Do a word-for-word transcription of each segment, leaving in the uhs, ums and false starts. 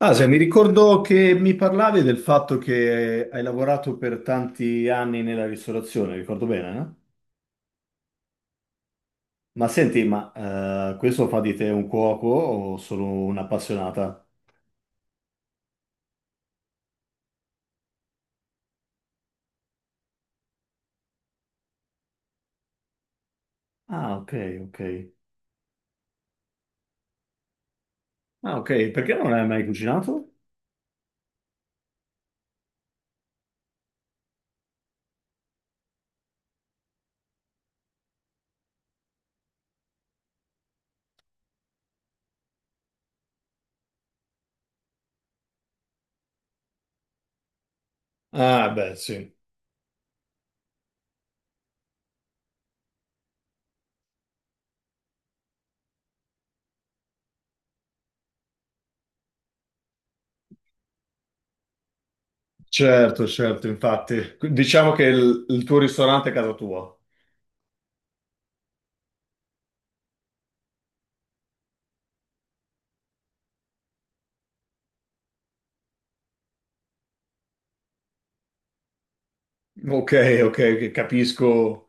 Asia, mi ricordo che mi parlavi del fatto che hai lavorato per tanti anni nella ristorazione, ricordo bene, no? Ma senti, ma eh, questo fa di te un cuoco o solo un'appassionata? Ah, ok, ok. Ah, ok, perché non hai mai cucinato? Ah, beh, sì, certo, certo, infatti. Diciamo che il, il tuo ristorante è casa tua. Ok, ok, che capisco.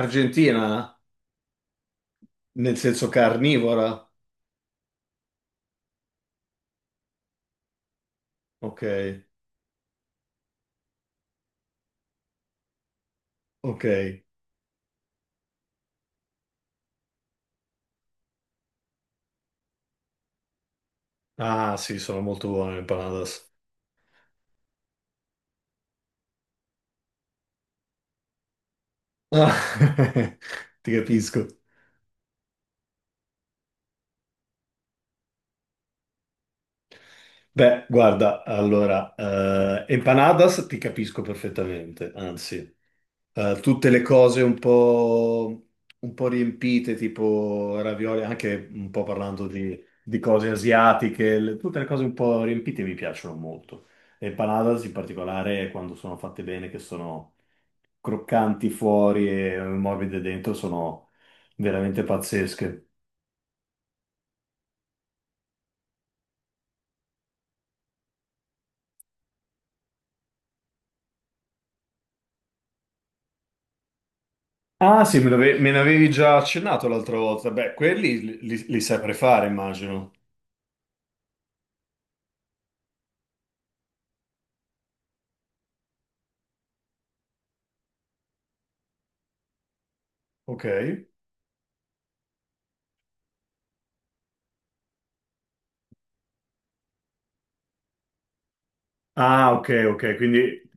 Argentina? Nel senso carnivora? Ok, ok. Ah, sì, sono molto buone le empanadas. Ah, ti capisco. Beh, guarda, allora, eh, empanadas ti capisco perfettamente, anzi, eh, tutte le cose un po', un po' riempite, tipo ravioli, anche un po' parlando di, di cose asiatiche, le- tutte le cose un po' riempite mi piacciono molto. Le empanadas in particolare, quando sono fatte bene, che sono croccanti fuori e morbide dentro, sono veramente pazzesche. Ah, sì, me l'ave- me ne avevi già accennato l'altra volta. Beh, quelli li, li- li sai prefare, immagino. Ok. Ah, ok, ok, quindi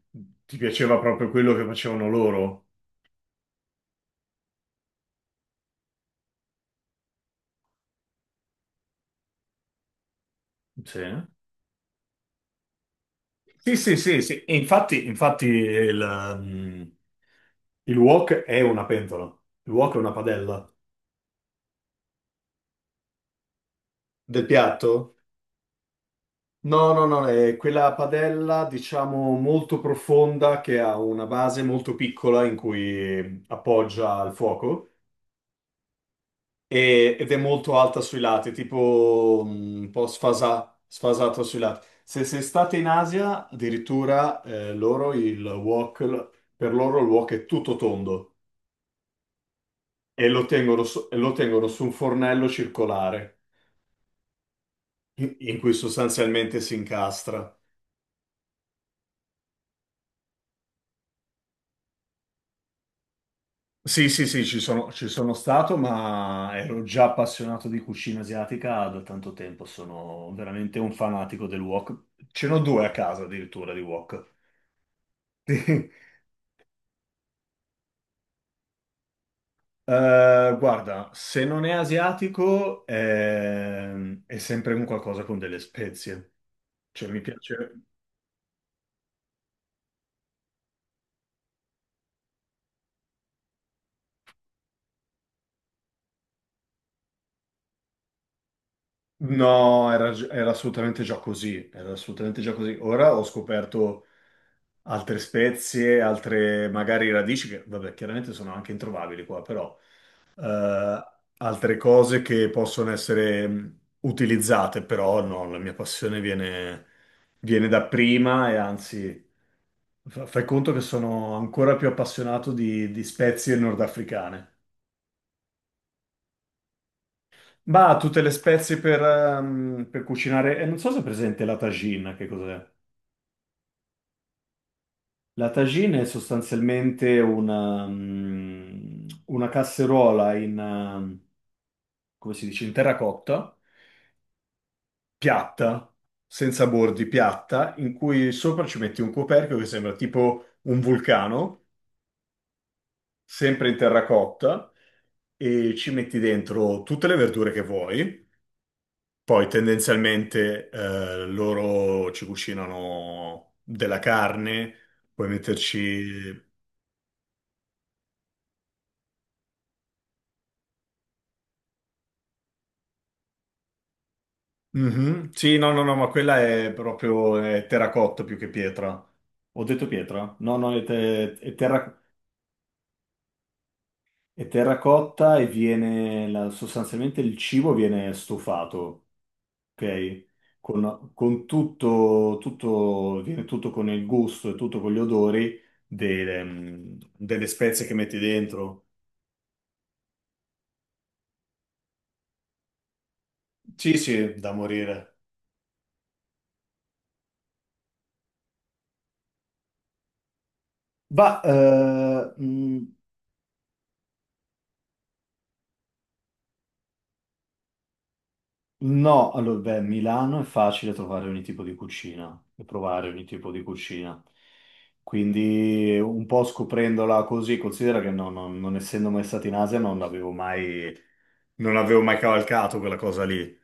ti piaceva proprio quello che facevano loro? Sì. Sì, sì, sì, sì. E infatti, infatti il, mm, il wok è una pentola. Il wok è una padella. Del piatto? No, no, no, è quella padella, diciamo, molto profonda che ha una base molto piccola in cui appoggia il fuoco. E- ed è molto alta sui lati, tipo mm, un po' sfasa- sfasata sui lati. Se, se state in Asia, addirittura eh, loro il wok, l- per loro il wok è tutto tondo e lo tengono su, e lo tengono su un fornello circolare in, in cui sostanzialmente si incastra. Sì, sì, sì, ci sono, ci sono stato, ma ero già appassionato di cucina asiatica da tanto tempo. Sono veramente un fanatico del wok. Ce n'ho due a casa addirittura di wok. Eh, guarda, se non è asiatico ehm, è, sempre un qualcosa con delle spezie. Cioè, mi piace. No, era, gi- era assolutamente già così. Era assolutamente già così. Ora ho scoperto altre spezie, altre magari radici che, vabbè, chiaramente sono anche introvabili qua, però eh, altre cose che possono essere mh, utilizzate, però no, la mia passione viene, viene da prima e anzi, fa- fai conto che sono ancora più appassionato di, di spezie nordafricane. Ma tutte le spezie per, ehm, per cucinare, e non so se è presente la tagine, che cos'è? La tagine è sostanzialmente una, mm, una casseruola in, ehm, come si dice, in terracotta piatta, senza bordi, piatta, in cui sopra ci metti un coperchio che sembra tipo un vulcano, sempre in terracotta, e ci metti dentro tutte le verdure che vuoi. Poi tendenzialmente eh, loro ci cucinano della carne, puoi metterci... Mhm. Sì, no, no, no, ma quella è proprio eh, terracotta più che pietra. Ho detto pietra? No, no, è, te- è terra- È terracotta e viene la- sostanzialmente il cibo viene stufato, ok? Con, con tutto, tutto, viene tutto con il gusto e tutto con gli odori delle, mm, delle spezie che metti dentro. Sì, sì, da morire. Ma no, allora, beh, Milano è facile trovare ogni tipo di cucina e provare ogni tipo di cucina. Quindi un po' scoprendola così, considera che no- no- non essendo mai stato in Asia non avevo mai, non avevo mai cavalcato quella cosa lì.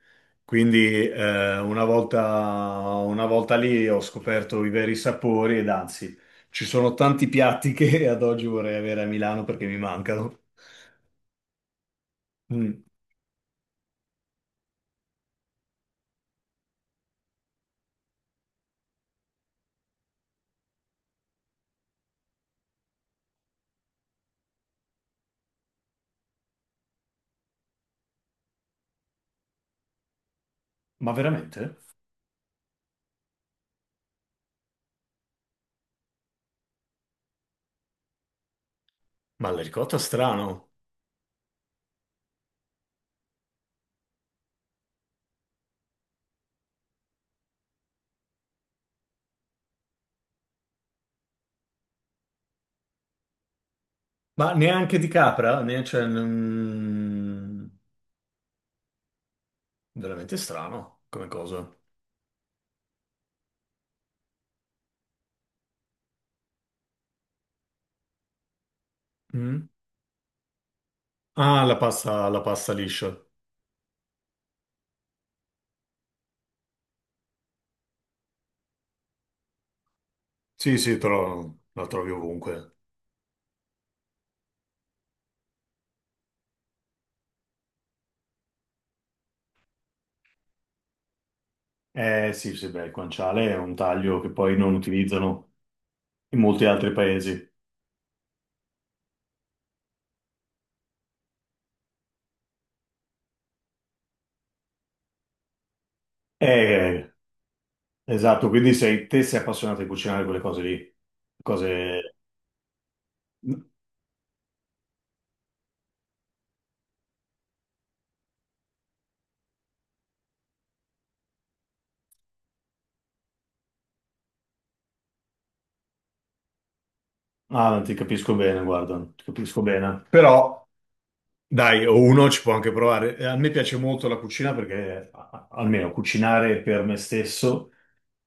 Quindi eh, una volta, una volta lì ho scoperto i veri sapori ed anzi, ci sono tanti piatti che ad oggi vorrei avere a Milano perché mi mancano. Mm, ma veramente? Ma la ricotta strano. Ma neanche di capra? Ne- cioè, non- Veramente strano come cosa. Mm? Ah, la pasta, la pasta liscia. Sì, sì, però la trovi ovunque. Eh sì, sì, beh, il guanciale è un taglio che poi non utilizzano in molti altri paesi. Eh, esatto, quindi sei, te sei appassionato di cucinare quelle cose lì. Cose... Ah, ti capisco bene, guarda, ti capisco bene. Però... Dai, o uno ci può anche provare. Eh, A me piace molto la cucina perché, a- a- almeno cucinare per me stesso,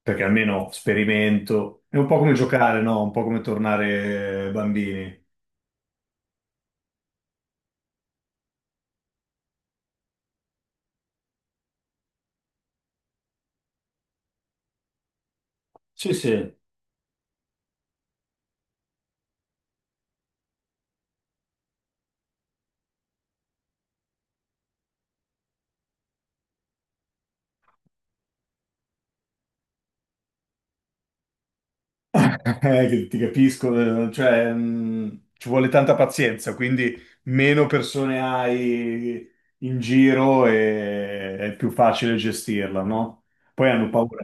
perché almeno sperimento. È un po' come giocare, no? Un po' come tornare eh, bambini. Sì, sì. Eh, che ti capisco, eh, cioè, mh, ci vuole tanta pazienza, quindi meno persone hai in giro e è più facile gestirla, no? Poi hanno paura.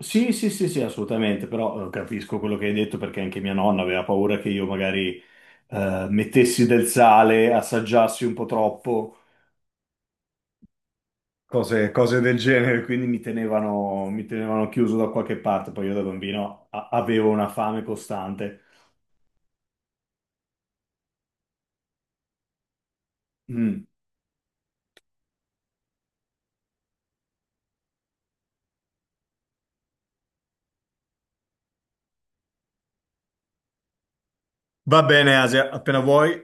Sì, sì, sì, sì, assolutamente, però eh, capisco quello che hai detto perché anche mia nonna aveva paura che io magari eh, mettessi del sale, assaggiassi un po' troppo, cose, cose del genere, quindi mi tenevano, mi tenevano chiuso da qualche parte. Poi io da bambino a- avevo una fame costante. Mm. Va bene, Asia, appena vuoi.